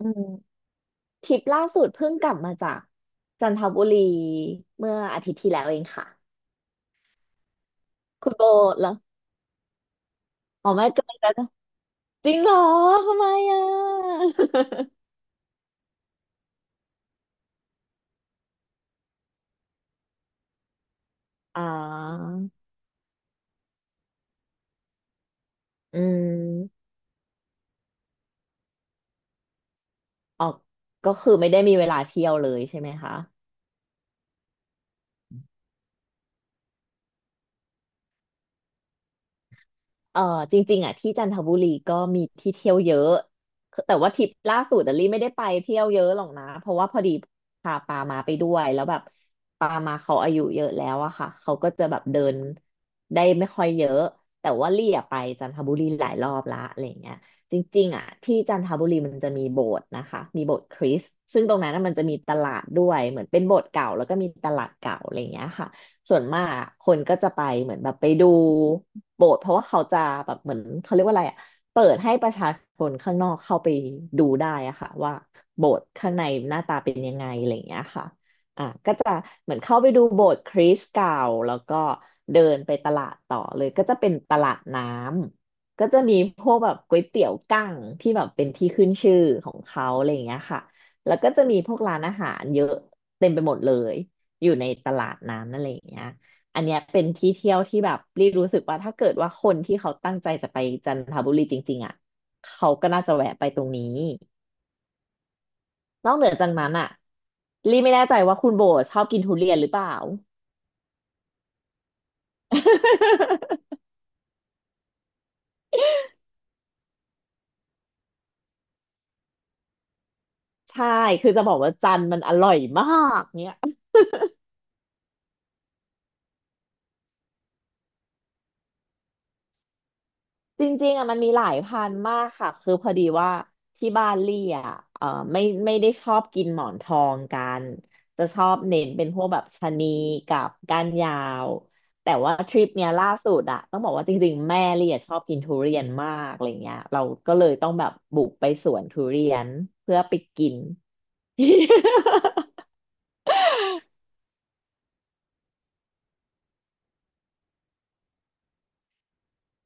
อืมทริปล่าสุดเพิ่งกลับมาจากจันทบุรีเมื่ออาทิตย์ที่แล้วเองค่ะคุณโบแล้วอ๋อไม่เกินแล้วจริงเหรอทำไมอ่ะ อ่าอืมออกก็คือไม่ได้มีเวลาเที่ยวเลยใช่ไหมคะ เออจริงๆอ่ะที่จันทบุรีก็มีที่เที่ยวเยอะแต่ว่าทริปล่าสุดอะลี่ไม่ได้ไปเที่ยวเยอะหรอกนะเพราะว่าพอดีพาปามาไปด้วยแล้วแบบปามาเขาอายุเยอะแล้วอะค่ะเขาก็จะแบบเดินได้ไม่ค่อยเยอะแต่ว่าลี่อะไปจันทบุรีหลายรอบละอะไรอย่างเงี้ยจริงๆอ่ะที่จันทบุรีมันจะมีโบสถ์นะคะมีโบสถ์คริสต์ซึ่งตรงนั้นน่ะมันจะมีตลาดด้วยเหมือนเป็นโบสถ์เก่าแล้วก็มีตลาดเก่าอะไรอย่างเงี้ยค่ะ ส่วนมากอะคนก็จะไปเหมือนแบบไปดูโบสถ์เพราะว่าเขาจะแบบเหมือนเขาเรียกว่าอะไรอะเปิดให้ประชาชนข้างนอกเข้าไปดูได้อะค่ะว่าโบสถ์ข้างในหน้าตาเป็นยังไงอะไรอย่างเงี้ยค่ะอ่ะก็จะเหมือนเข้าไปดูโบสถ์คริสต์เก่าแล้วก็เดินไปตลาดต่อเลยก็จะเป็นตลาดน้ำก็จะมีพวกแบบก๋วยเตี๋ยวกั้งที่แบบเป็นที่ขึ้นชื่อของเขาอะไรอย่างเงี้ยค่ะแล้วก็จะมีพวกร้านอาหารเยอะเต็มไปหมดเลย อยู่ในตลาดน้ำนั่นอะไรอย่างเงี้ยอันเนี้ยเป็นที่เที่ยวที่แบบรีรู้สึกว่าถ้าเกิดว่าคนที่เขาตั้งใจจะไปจันทบุรีจริงๆอ่ะเขาก็น่าจะแวะไปตรงนี้นอกเหนือจากนั้นอ่ะรีไม่แน่ใจว่าคุณโบชอบกินทุเรียนหรือเปล่า ใช่คือจะบอกว่าจันทร์มันอร่อยมากเนี่ย จริงๆอ่ะมันมีหลายพันธุ์มากค่ะคือพอดีว่าที่บ้านลี่อ่ะเออไม่ไม่ได้ชอบกินหมอนทองกันจะชอบเน้นเป็นพวกแบบชะนีกับก้านยาวแต่ว่าทริปเนี้ยล่าสุดอ่ะต้องบอกว่าจริงๆแม่ลี่อ่ะชอบกินทุเรียนมากอะไรเงี้ยเราก็เลยต้องแบบบุกไปสวนทุเรียนเพื่อไปกิน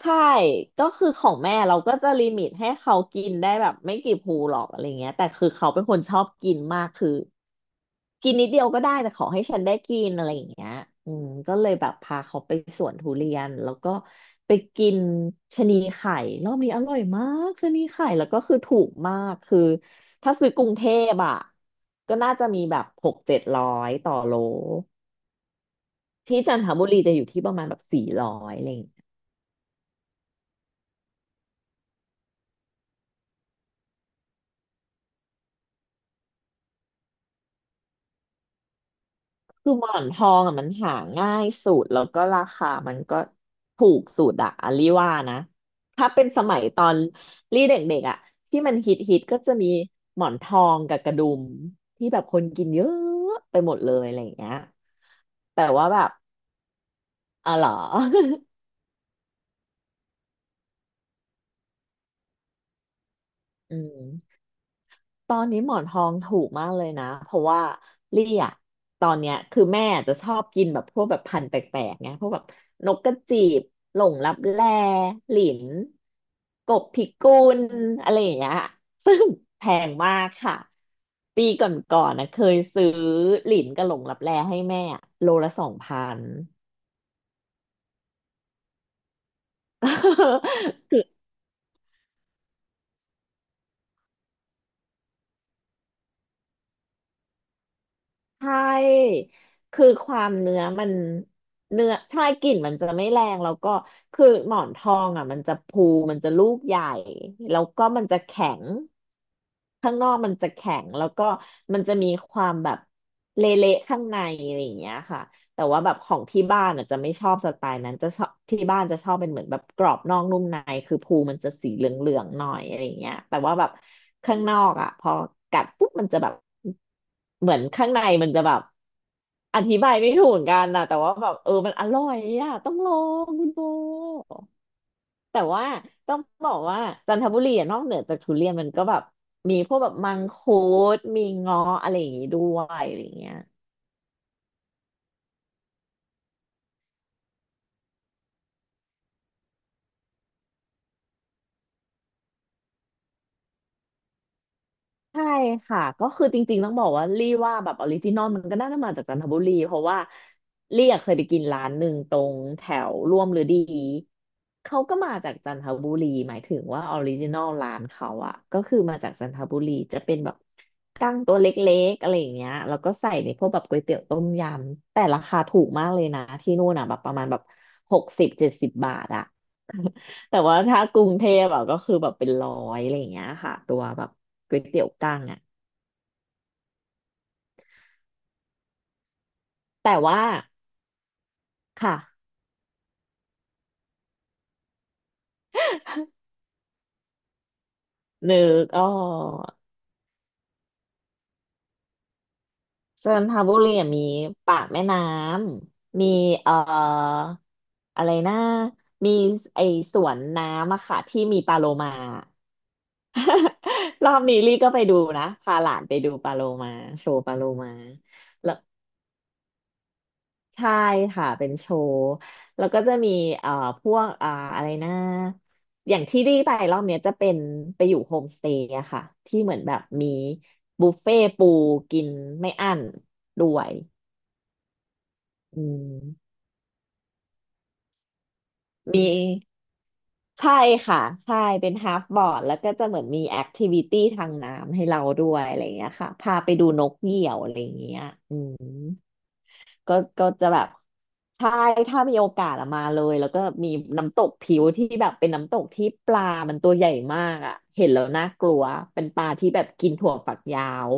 ใช่ก็คือของแม่เราก็จะลิมิตให้เขากินได้แบบไม่กี่ภูหรอกอะไรเงี้ยแต่คือเขาเป็นคนชอบกินมากคือ กินนิดเดียวก็ได้แต่ขอให้ฉันได้กินอะไรอย่างเงี้ยอืมก็เลยแบบพาเขาไปสวนทุเรียนแล้วก็ไปกินชะนีไข่รอบนี้อร่อยมากชะนีไข่แล้วก็คือถูกมากคือถ้าซื้อกรุงเทพอ่ะก็น่าจะมีแบบ600-700ต่อโลที่จันทบุรีจะอยู่ที่ประมาณแบบ400อะไรอย่างเงี้ย คือหมอนทองอ่ะมันหาง่ายสุดแล้วก็ราคามันก็ถูกสุดอะอลลี่ว่านะถ้าเป็นสมัยตอนลี่เด็กๆอะที่มันฮิตฮิตก็จะมีหมอนทองกับกระดุมที่แบบคนกินเยอะไปหมดเลยอะไรอย่างเงี้ยแต่ว่าแบบอ๋อเหรอ อืม ตอนนี้หมอนทองถูกมากเลยนะเพราะว่าลี่อะตอนเนี้ยคือแม่จะชอบกินแบบพวกแบบพันธุ์แปลกๆไงพวกแบบนกกระจีบหลงลับแลหลินกบพิกุลอะไรอย่างเงี้ยซึ่งแพงมากค่ะปีก่อนๆนะเคยซื้อหลินกับหลงลับแลให้แม่อะโลละ2,000 คือ ใช่คือความเนื้อมันเนื้อใช่กลิ่นมันจะไม่แรงแล้วก็คือหมอนทองอ่ะมันจะพูมันจะลูกใหญ่แล้วก็มันจะแข็งข้างนอกมันจะแข็งแล้วก็มันจะมีความแบบเละๆข้างในอะไรอย่างเงี้ยค่ะ แต่ว่าแบบของที่บ้านอ่ะจะไม่ชอบสไตล์นั้นจะชอบที่บ้านจะชอบเป็นเหมือนแบบกรอบนอกนุ่มในคือภูมันจะสีเหลืองๆหน่อยอะไรอย่างเงี้ยแต่ว่าแบบข้างนอกอ่ะพอกัดปุ๊บมันจะแบบเหมือนข้างในมันจะแบบอธิบายไม่ถูกเหมือนกันนะแต่ว่าแบบเออมันอร่อยอ่ะต้องลองคุณโบแต่ว่าต้องบอกว่าจันทบุรีอะนอกเหนือจากทุเรียนมันก็แบบมีพวกแบบมังคุดมีเงาะอะไรอย่างงี้ด้วยอะไรอย่างเงี้ย ใช่ค่ะก็คือจริงๆต้องบอกว่าลี่ว่าแบบออริจินอลมันก็น่าจะมาจากจันทบุรีเพราะว่าลี่อะเคยไปกินร้านหนึ่งตรงแถวร่วมฤดีเขาก็มาจากจันทบุรีหมายถึงว่าออริจินอลร้านเขาอะก็คือมาจากจันทบุรีจะเป็นแบบกั้งตัวเล็กๆอะไรอย่างเงี้ยแล้วก็ใส่ในพวกแบบก๋วยเตี๋ยวต้มยำแต่ราคาถูกมากเลยนะที่นู่นอะแบบประมาณแบบ60-70 บาทอะ แต่ว่าถ้ากรุงเทพอะก็คือแบบเป็นร้อยอะไรอย่างเงี้ยค่ะตัวแบบก๋วยเตี๋ยวกั้งอะแต่ว่าค่ะ นึกอ๋อกจันทบุรีอะมีปากแม่น้ำมีเอ่ออะไรนะมีไอสวนน้ำอะค่ะที่มีปลาโลมา รอบนี้ลี่ก็ไปดูนะพาหลานไปดูปลาโลมาโชว์ปลาโลมา ใช่ค่ะเป็นโชว์แล้วก็จะมีเอ่อพวกอะไรนะอย่างที่รีไปรอบเนี้ยจะเป็นไปอยู่โฮมสเตย์อะค่ะที่เหมือนแบบมีบุฟเฟ่ต์ปูกินไม่อั้นด้วยอืมมีใช่ค่ะใช่เป็นฮาฟบอร์ดแล้วก็จะเหมือนมีแอคทิวิตี้ทางน้ำให้เราด้วยอะไรอย่างเงี้ยค่ะพาไปดูนกเหยี่ยวอะไรอย่างเงี้ยอืม ก็ก็จะแบบใช่ถ้ามีโอกาสอะมาเลยแล้วก็มีน้ำตกผิวที่แบบเป็นน้ำตกที่ปลามันตัวใหญ่มากอะเห็นแล้วน่ากลัวเป็นปลาที่แบบกินถั่วฝักยาว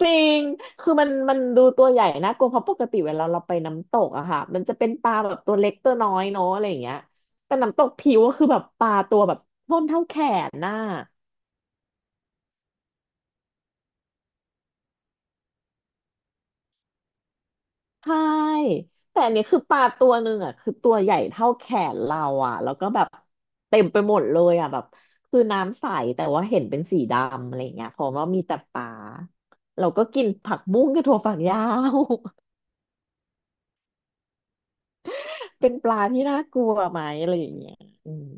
จริงคือมันดูตัวใหญ่นะกลัวเพราะปกติเวลาเราไปน้ำตกอะค่ะมันจะเป็นปลาแบบตัวเล็กตัวน้อยเนาะอะไรอย่างเงี้ยแต่น้ำตกผิวก็คือแบบปลาตัวแบบท่อนเท่าแขนน่ะ ใช่แต่อันนี้คือปลาตัวหนึ่งอ่ะคือตัวใหญ่เท่าแขนเราอ่ะแล้วก็แบบเต็มไปหมดเลยอ่ะแบบคือน้ำใสแต่ว่าเห็นเป็นสีดำอะไรเงี้ยเพราะว่ามีแต่ปลาเราก็กินผักบุ้งกับถั่วฝักยาว เป็นปลาที่น่ากลัวไหมอะไรอย่างเงี้ยอืม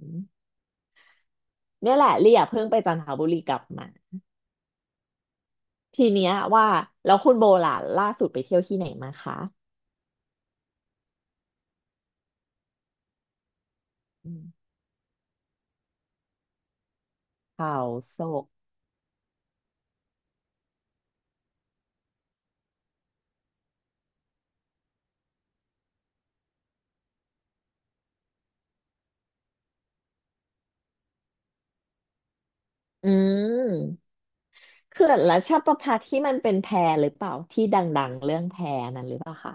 เนี่ยแหละเรียเพิ่งไปจันทบุรีกลับมาทีเนี้ยว่าแล้วคุณโบล่ะล่าสุดไปเที่ยวที่ไหนมาคะอืมเขาโศกอืม เขื่อนรัชประภาที่มันเป็นแพหรือเปล่าที่ดังๆเรื่องแพนั้นหรือเปล่าคะ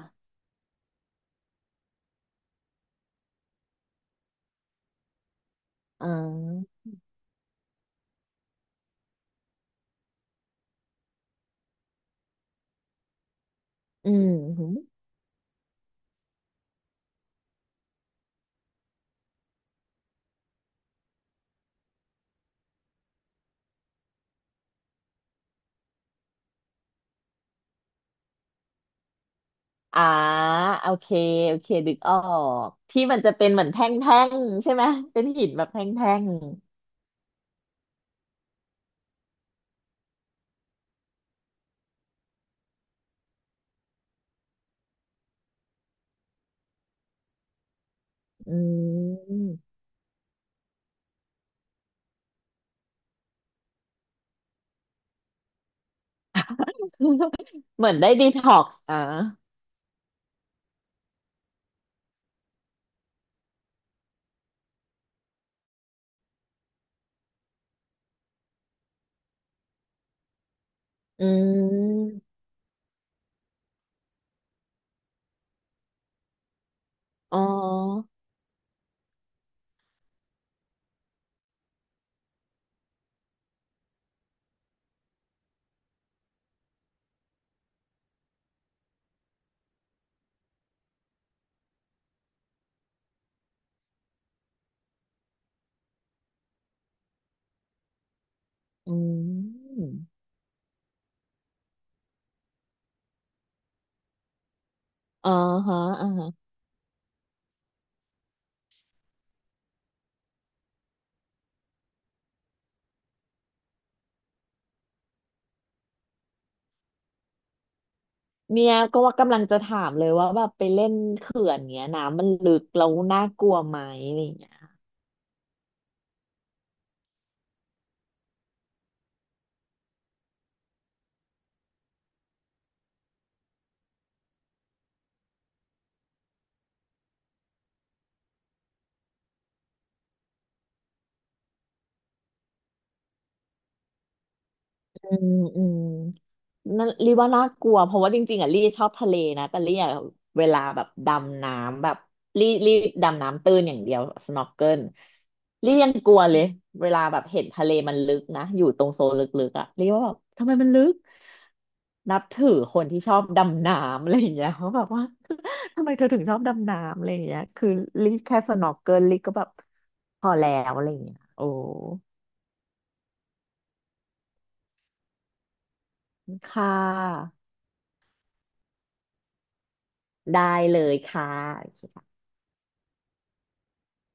อืมอืมหืมอ่าโอเคโอเคดึกออกที่มันจะเป็นเหมือนแท่งๆใช่ไหมเป็นหินแบบแท่งๆอืม เหมือนได้ดีท็อกซ์อ่ะอืมอ๋ออืมอ๋อฮะอ่าฮะเนี่ยก็ว่ากำลังจะถามเลยว่าแบบไปเล่นเขื่อนเงี้ยน้ำมันลึกแล้วน่ากลัวไหม อืมอืมนั่นรีว่าน่ากลัวเพราะว่าจริงๆอ่ะลี่ชอบทะเลนะแต่ลี่อะเวลาแบบดำน้ำแบบลี่ดำน้ำตื้นอย่างเดียว snorkel ลลี่ยังกลัวเลยเวลาแบบเห็นทะเลมันลึกนะอยู่ตรงโซนลึกๆอ่ะลี่ว่าแบบทำไมมันลึกนับถือคนที่ชอบดำน้ำอะไรอย่างเงี้ยเขาแบบว่า ทำไมเธอถึงชอบดำน้ำอะไรอย่างเงี้ยคือลี่แค่ snorkel ลลี่ก็แบบพอแล้วอะไรอย่างเงี้ยโอ้ค่ะ ได้เลยค่ะ